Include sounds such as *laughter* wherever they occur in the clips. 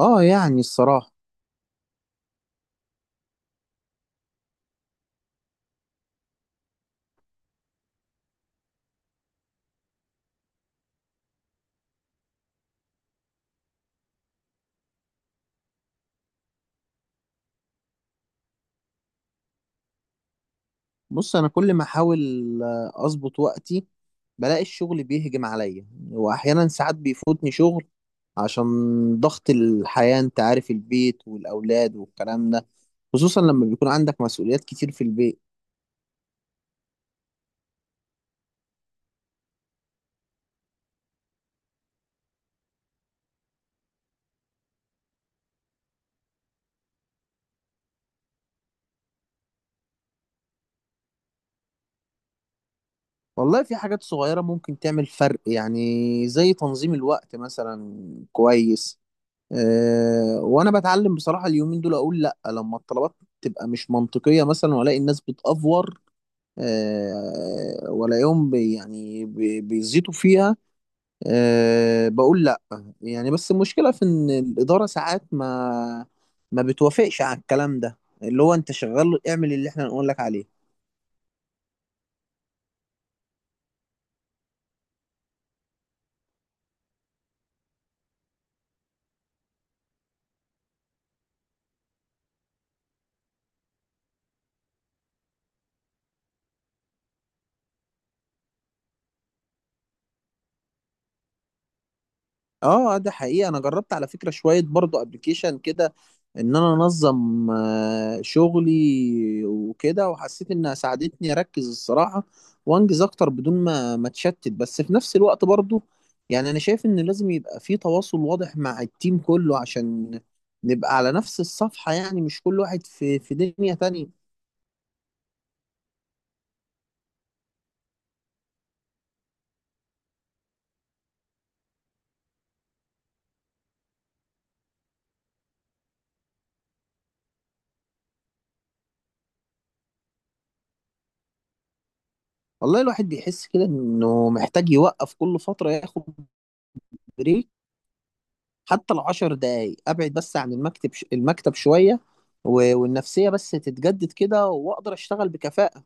اه يعني الصراحة، بص انا كل ما احاول اظبط وقتي بلاقي الشغل بيهجم عليا، واحيانا ساعات بيفوتني شغل عشان ضغط الحياة. انت عارف، البيت والاولاد والكلام ده، خصوصا لما بيكون عندك مسؤوليات كتير في البيت. والله في حاجات صغيرة ممكن تعمل فرق يعني، زي تنظيم الوقت مثلا. كويس. أه وانا بتعلم بصراحة اليومين دول اقول لا لما الطلبات تبقى مش منطقية مثلا، والاقي الناس بتأفور، ولاقيهم بيزيطوا فيها، بقول لا. يعني بس المشكلة في ان الإدارة ساعات ما بتوافقش على الكلام ده، اللي هو انت شغال اعمل اللي احنا نقول لك عليه. اه ده حقيقي، انا جربت على فكرة شوية برضو ابلكيشن كده ان انا انظم شغلي وكده، وحسيت انها ساعدتني اركز الصراحة وانجز اكتر بدون ما اتشتت. بس في نفس الوقت برضو يعني انا شايف ان لازم يبقى في تواصل واضح مع التيم كله عشان نبقى على نفس الصفحة، يعني مش كل واحد في دنيا تانية. والله الواحد بيحس كده انه محتاج يوقف كل فترة ياخد بريك، حتى العشر دقايق ابعد بس عن المكتب المكتب شويه والنفسيه بس تتجدد كده واقدر اشتغل بكفاءه.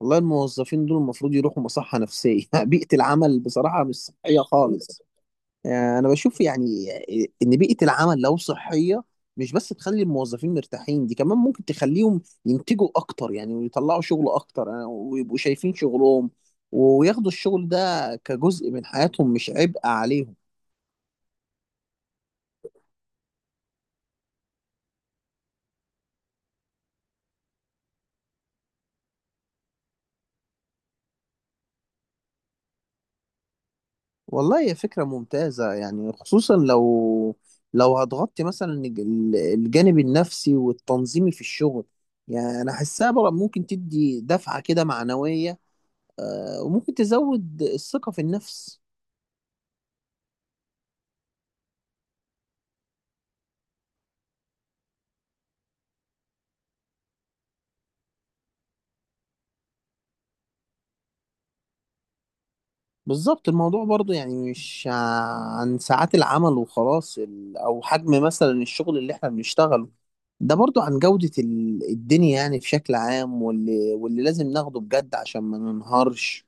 والله الموظفين دول المفروض يروحوا مصحه نفسيه. *laughs* بيئه العمل بصراحه مش صحيه خالص. انا بشوف يعني ان بيئه العمل لو صحيه، مش بس تخلي الموظفين مرتاحين، دي كمان ممكن تخليهم ينتجوا اكتر يعني، ويطلعوا شغل اكتر، ويبقوا شايفين شغلهم وياخدوا الشغل ده كجزء من حياتهم مش عبء عليهم. والله هي فكرة ممتازة يعني، خصوصا لو لو هتغطي مثلا الجانب النفسي والتنظيمي في الشغل. يعني أنا حاسها بقى ممكن تدي دفعة كده معنوية، وممكن تزود الثقة في النفس. بالظبط، الموضوع برضو يعني مش عن ساعات العمل وخلاص، أو حجم مثلا الشغل اللي احنا بنشتغله. ده برضو عن جودة الدنيا يعني بشكل عام، واللي لازم ناخده بجد عشان ما ننهارش.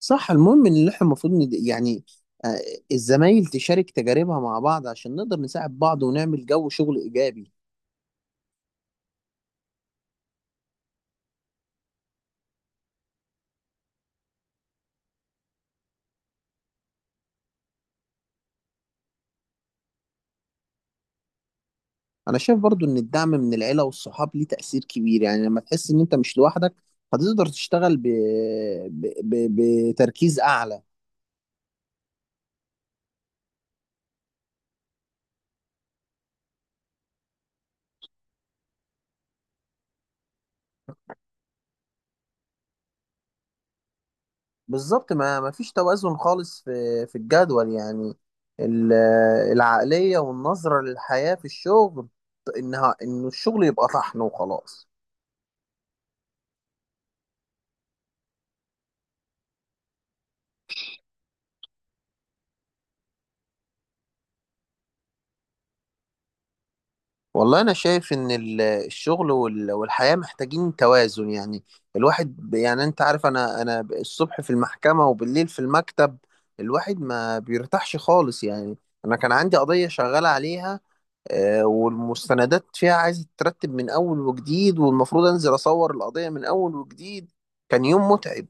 صح، المهم ان احنا المفروض يعني، آه، الزمايل تشارك تجاربها مع بعض عشان نقدر نساعد بعض ونعمل جو شغل ايجابي. انا شايف برضو ان الدعم من العيلة والصحاب ليه تأثير كبير، يعني لما تحس ان انت مش لوحدك هتقدر تشتغل ب... ب... بتركيز اعلى. بالظبط، ما فيش توازن خالص في الجدول، يعني ال- العقلية والنظرة للحياة في الشغل، انه الشغل يبقى طحن وخلاص. والله أنا شايف إن الشغل والحياة محتاجين توازن يعني. الواحد يعني أنت عارف، أنا الصبح في المحكمة وبالليل في المكتب، الواحد ما بيرتاحش خالص يعني. أنا كان عندي قضية شغال عليها، والمستندات فيها عايزة تترتب من أول وجديد، والمفروض أنزل أصور القضية من أول وجديد. كان يوم متعب.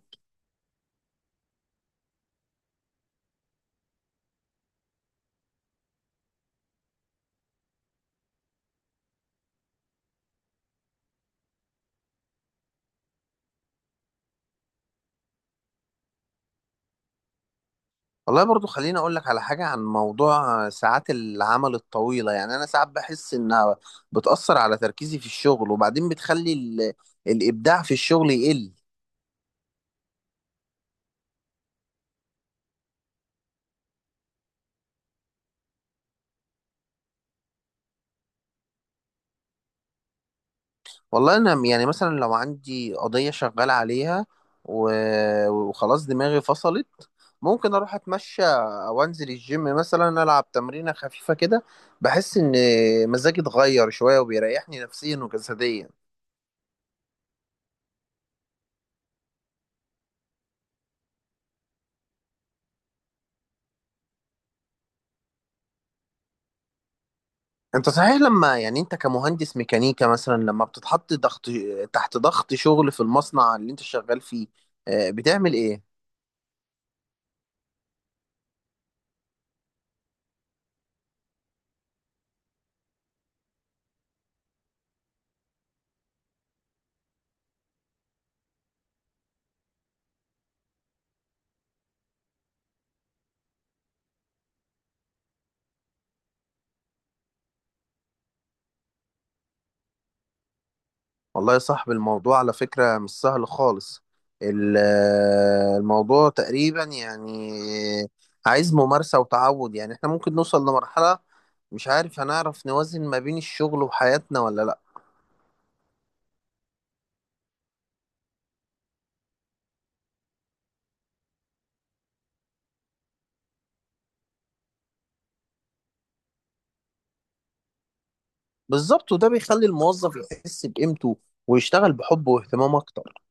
والله برضو خليني اقول لك على حاجة عن موضوع ساعات العمل الطويلة، يعني انا ساعات بحس انها بتأثر على تركيزي في الشغل، وبعدين بتخلي الابداع في الشغل يقل. والله انا يعني مثلا لو عندي قضية شغال عليها و... وخلاص دماغي فصلت، ممكن اروح اتمشى او انزل الجيم مثلا العب تمرينة خفيفة كده. بحس ان مزاجي اتغير شوية وبيريحني نفسيا وجسديا. انت صحيح، لما يعني انت كمهندس ميكانيكا مثلا لما بتتحط ضغط تحت ضغط شغل في المصنع اللي انت شغال فيه، بتعمل ايه؟ والله يا صاحبي الموضوع على فكرة مش سهل خالص. الموضوع تقريبا يعني عايز ممارسة وتعود، يعني احنا ممكن نوصل لمرحلة مش عارف هنعرف نوازن ما بين الشغل وحياتنا ولا لا. بالظبط، وده بيخلي الموظف يحس بقيمته ويشتغل بحب واهتمام اكتر.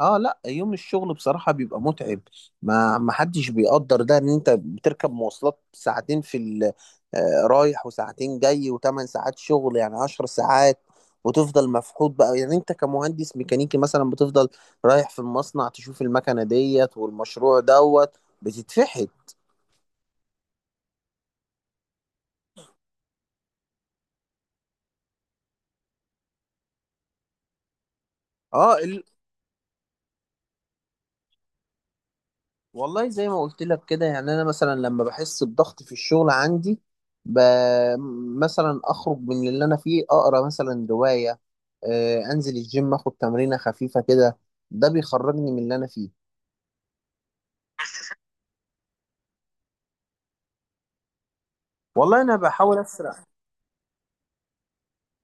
اه لا، يوم الشغل بصراحة بيبقى متعب. ما حدش بيقدر ده، ان انت بتركب مواصلات ساعتين في رايح وساعتين جاي وثمان ساعات شغل، يعني عشر ساعات، وتفضل مفحوط بقى. يعني انت كمهندس ميكانيكي مثلا بتفضل رايح في المصنع تشوف المكنة ديت والمشروع دوت، بتتفحت. اه والله زي ما قلت لك كده، يعني انا مثلا لما بحس بضغط في الشغل عندي، ب... مثلا اخرج من اللي انا فيه اقرا مثلا روايه، انزل الجيم اخد تمرينه خفيفه كده، ده بيخرجني من اللي انا فيه. والله انا بحاول اسرق.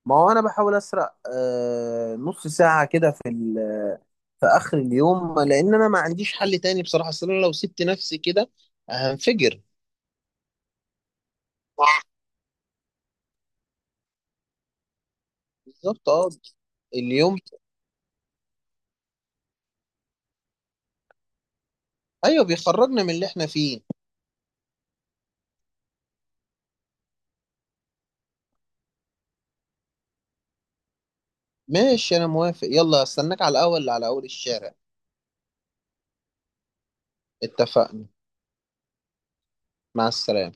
ما هو انا بحاول اسرق نص ساعه كده في في اخر اليوم، لان انا ما عنديش حل تاني بصراحه، اصل انا لو سبت نفسي كده هنفجر. بالظبط. اه. اليوم. ايوه، بيخرجنا من اللي احنا فيه. ماشي انا موافق، يلا استناك على الاول على اول الشارع. اتفقنا. مع السلامة.